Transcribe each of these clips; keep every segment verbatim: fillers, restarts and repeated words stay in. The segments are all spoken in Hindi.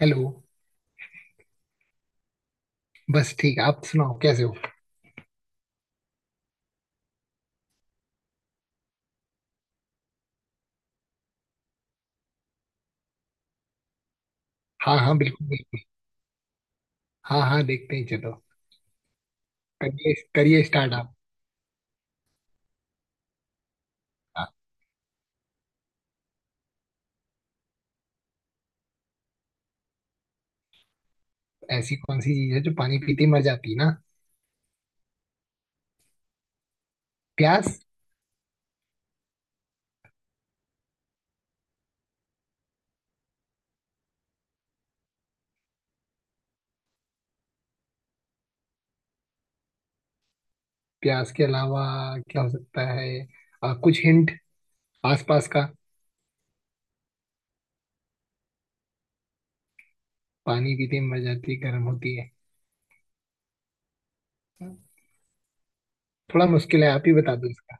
हेलो। बस ठीक। आप सुनाओ कैसे हो। हाँ हाँ, बिल्कुल बिल्कुल। हाँ हाँ, देखते ही चलो। करिए करिए, स्टार्ट आप। आप- ऐसी कौन सी चीज है जो पानी पीते ही मर जाती है ना? प्यास। प्यास के अलावा क्या हो सकता है? आ, कुछ हिंट आसपास का। पानी पीते ही मर जाती है, गर्म होती है? थोड़ा मुश्किल है, आप ही बता दो इसका।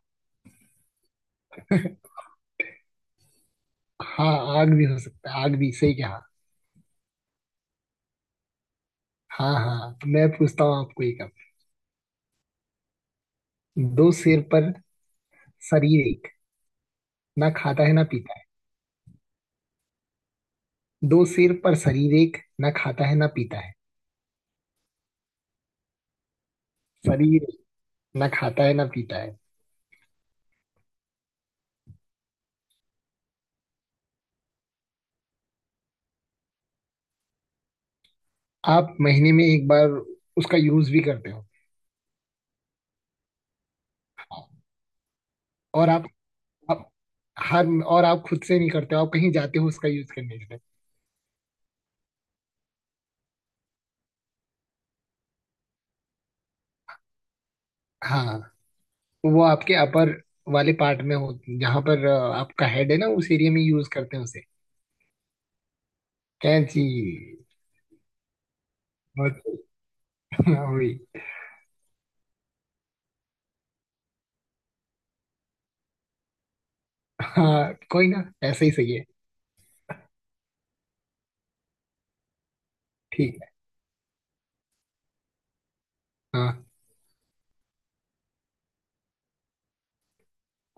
हाँ, आग भी हो सकता है, आग भी सही कहा। हाँ हाँ, तो मैं पूछता हूँ आपको एक अब। दो सिर पर शरीर एक, ना खाता है ना पीता है। दो सिर पर शरीर एक, ना खाता है ना पीता है। शरीर, ना खाता है ना पीता है। आप महीने में एक बार उसका यूज भी करते हो। और आप, आप हर और आप खुद से नहीं करते हो, आप कहीं जाते हो उसका यूज करने के लिए। हाँ, तो वो आपके अपर वाले पार्ट में हो, जहाँ पर अ, आपका हेड है ना, उस एरिया में यूज करते हैं उसे। कैंची। बहुत। हाँ, वही। हाँ कोई ना, ऐसे ही सही है। ठीक है। हाँ।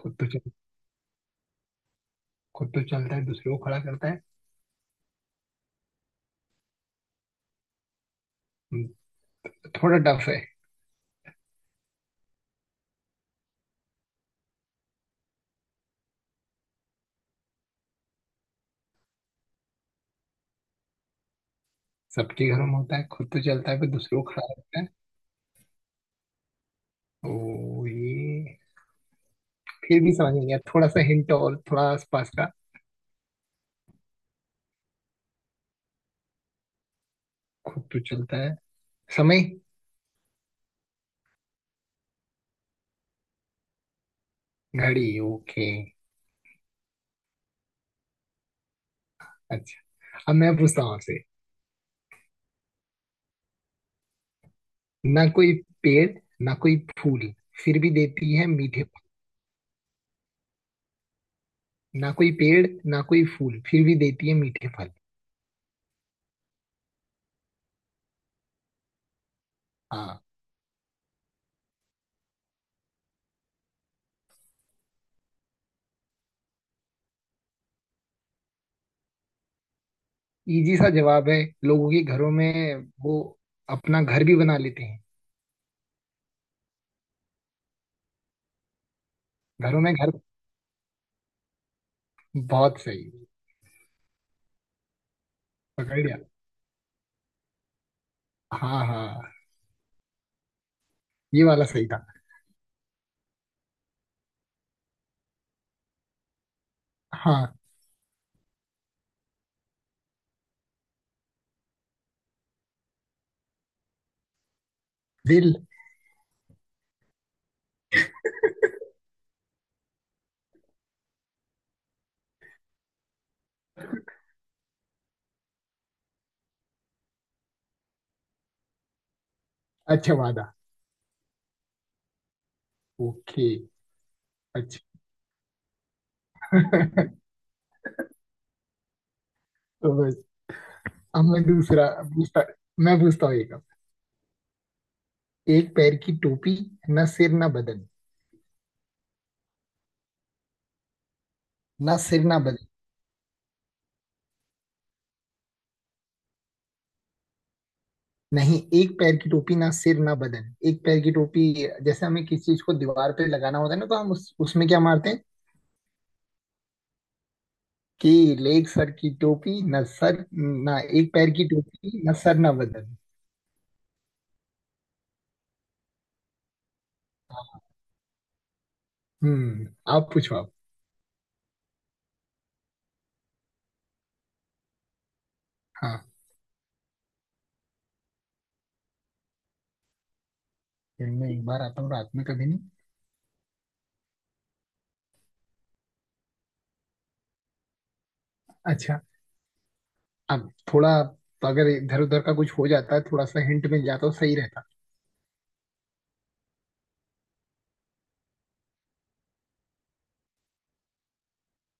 खुद तो चल खुद तो चलता है, दूसरे को खड़ा करता है। हम्म, थोड़ा टफ है। सबके घर में होता है, खुद तो चलता है फिर दूसरे को खड़ा करता है? ओ ये, फिर भी समझ नहीं आया, थोड़ा सा हिंट और, थोड़ा आसपास का। खुद तो चलता है, समय? घड़ी, ओके। अच्छा, अब मैं पूछता हूँ आपसे। ना कोई पेड़, ना कोई फूल, फिर भी देती है मीठे फल। ना कोई पेड़, ना कोई फूल, फिर भी देती है मीठे फल। हाँ। इजी सा जवाब है। लोगों के घरों में वो अपना घर भी बना लेते हैं, घरों में घर। बहुत सही, पकड़ लिया। हाँ हाँ, ये वाला सही था। हाँ। दिल। अच्छा, वादा, ओके। अच्छा तो बस, अब मैं दूसरा पूछता मैं पूछता हूँ एक अब। एक पैर की टोपी, ना सिर ना बदन। ना सिर ना बदन। नहीं, एक पैर की टोपी, ना सिर ना बदन। एक पैर की टोपी। जैसे हमें किसी चीज को दीवार पे लगाना होता है ना, तो हम उस उसमें क्या मारते हैं? कि लेग सर की टोपी ना सर ना, एक पैर की टोपी ना सर ना बदन। हम्म। आप पूछो आप। हाँ, दिन में एक बार आता हूँ रात में कभी नहीं। अच्छा, अब थोड़ा, अगर इधर उधर का कुछ हो जाता है, थोड़ा सा हिंट मिल जाता तो सही रहता।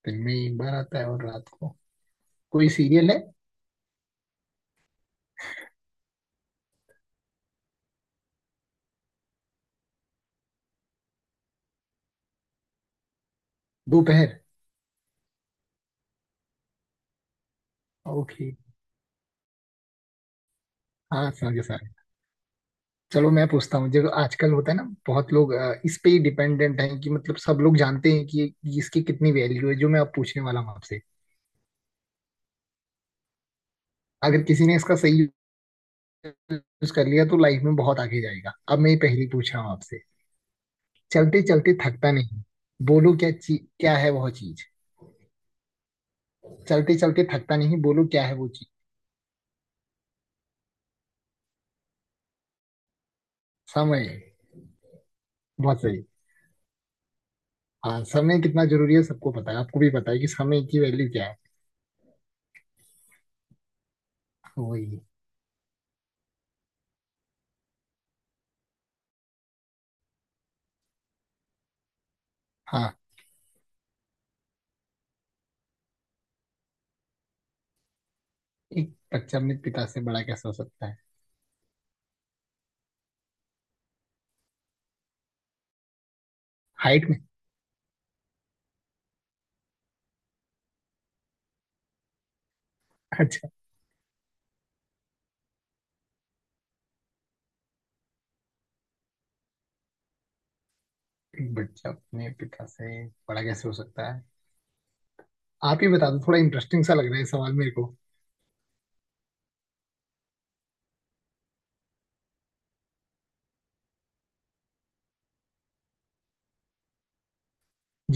दिन में एक बार आता है और रात को कोई सीरियल है? दोपहर, ओके। हाँ समझे सर। चलो मैं पूछता हूँ, जो आजकल होता है ना, बहुत लोग अ, इस पे ही डिपेंडेंट हैं कि, मतलब सब लोग जानते हैं कि इसकी कितनी वैल्यू है, जो मैं अब पूछने वाला हूँ आपसे। अगर किसी ने इसका सही यूज कर लिया तो लाइफ में बहुत आगे जाएगा। अब मैं ये पहली पूछ रहा हूँ आपसे। चलते चलते थकता नहीं, बोलो क्या चीज, क्या है वह चीज। चलते चलते थकता नहीं, बोलो क्या है वो चीज। समय, बहुत सही। हाँ, समय कितना जरूरी है सबको पता है, आपको भी पता है कि समय की वैल्यू क्या है। वही। हाँ। एक बच्चा अपने पिता से बड़ा कैसे हो सकता है? हाइट में? अच्छा। एक बच्चा अपने पिता से बड़ा कैसे हो सकता है, आप ही बता दो, थोड़ा इंटरेस्टिंग सा लग रहा है ये सवाल मेरे को।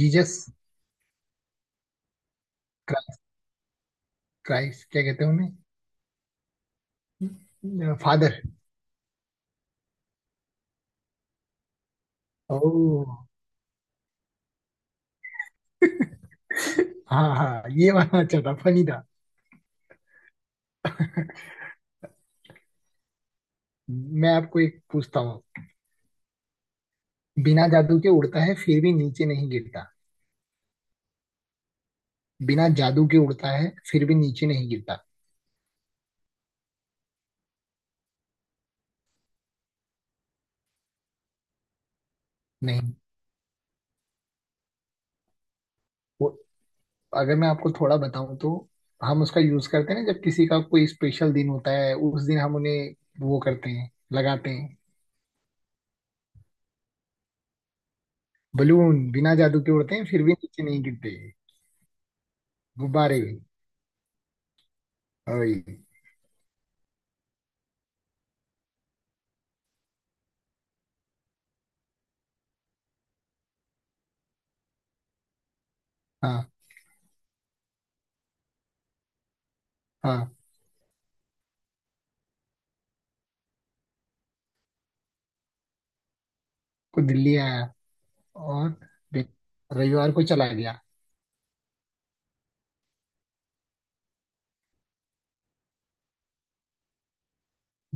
जीसस क्राइस्ट क्या कहते हैं उन्हें? फादर। ओ, हाँ हाँ, ये वाला अच्छा था, फनी था। मैं आपको एक पूछता हूँ। बिना जादू के उड़ता है फिर भी नीचे नहीं गिरता। बिना जादू के उड़ता है फिर भी नीचे नहीं गिरता। नहीं। वो, अगर मैं आपको थोड़ा बताऊं तो, हम उसका यूज करते हैं ना जब किसी का कोई स्पेशल दिन होता है, उस दिन हम उन्हें वो करते हैं, लगाते हैं। बलून, बिना जादू के उड़ते हैं फिर भी नीचे नहीं गिरते। गुब्बारे भी, वही। हाँ हाँ, तो दिल्ली आया और बे- रविवार को चला गया।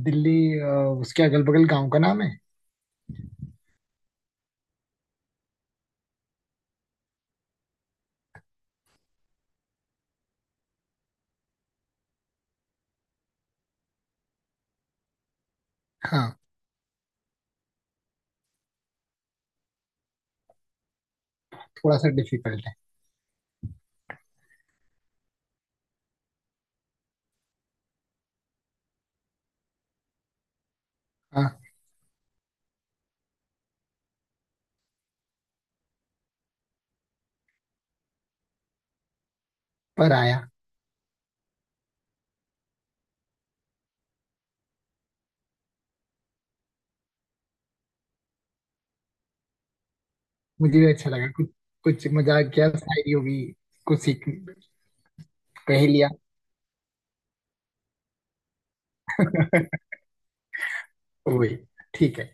दिल्ली, अ, उसके अगल बगल गांव का नाम है? हाँ, थोड़ा सा डिफिकल्ट है। हाँ, पर आया। मुझे भी अच्छा लगा, कुछ कुछ मजाक किया, शायरी होगी, कुछ सीख, पहेलियाँ, वही, ठीक है।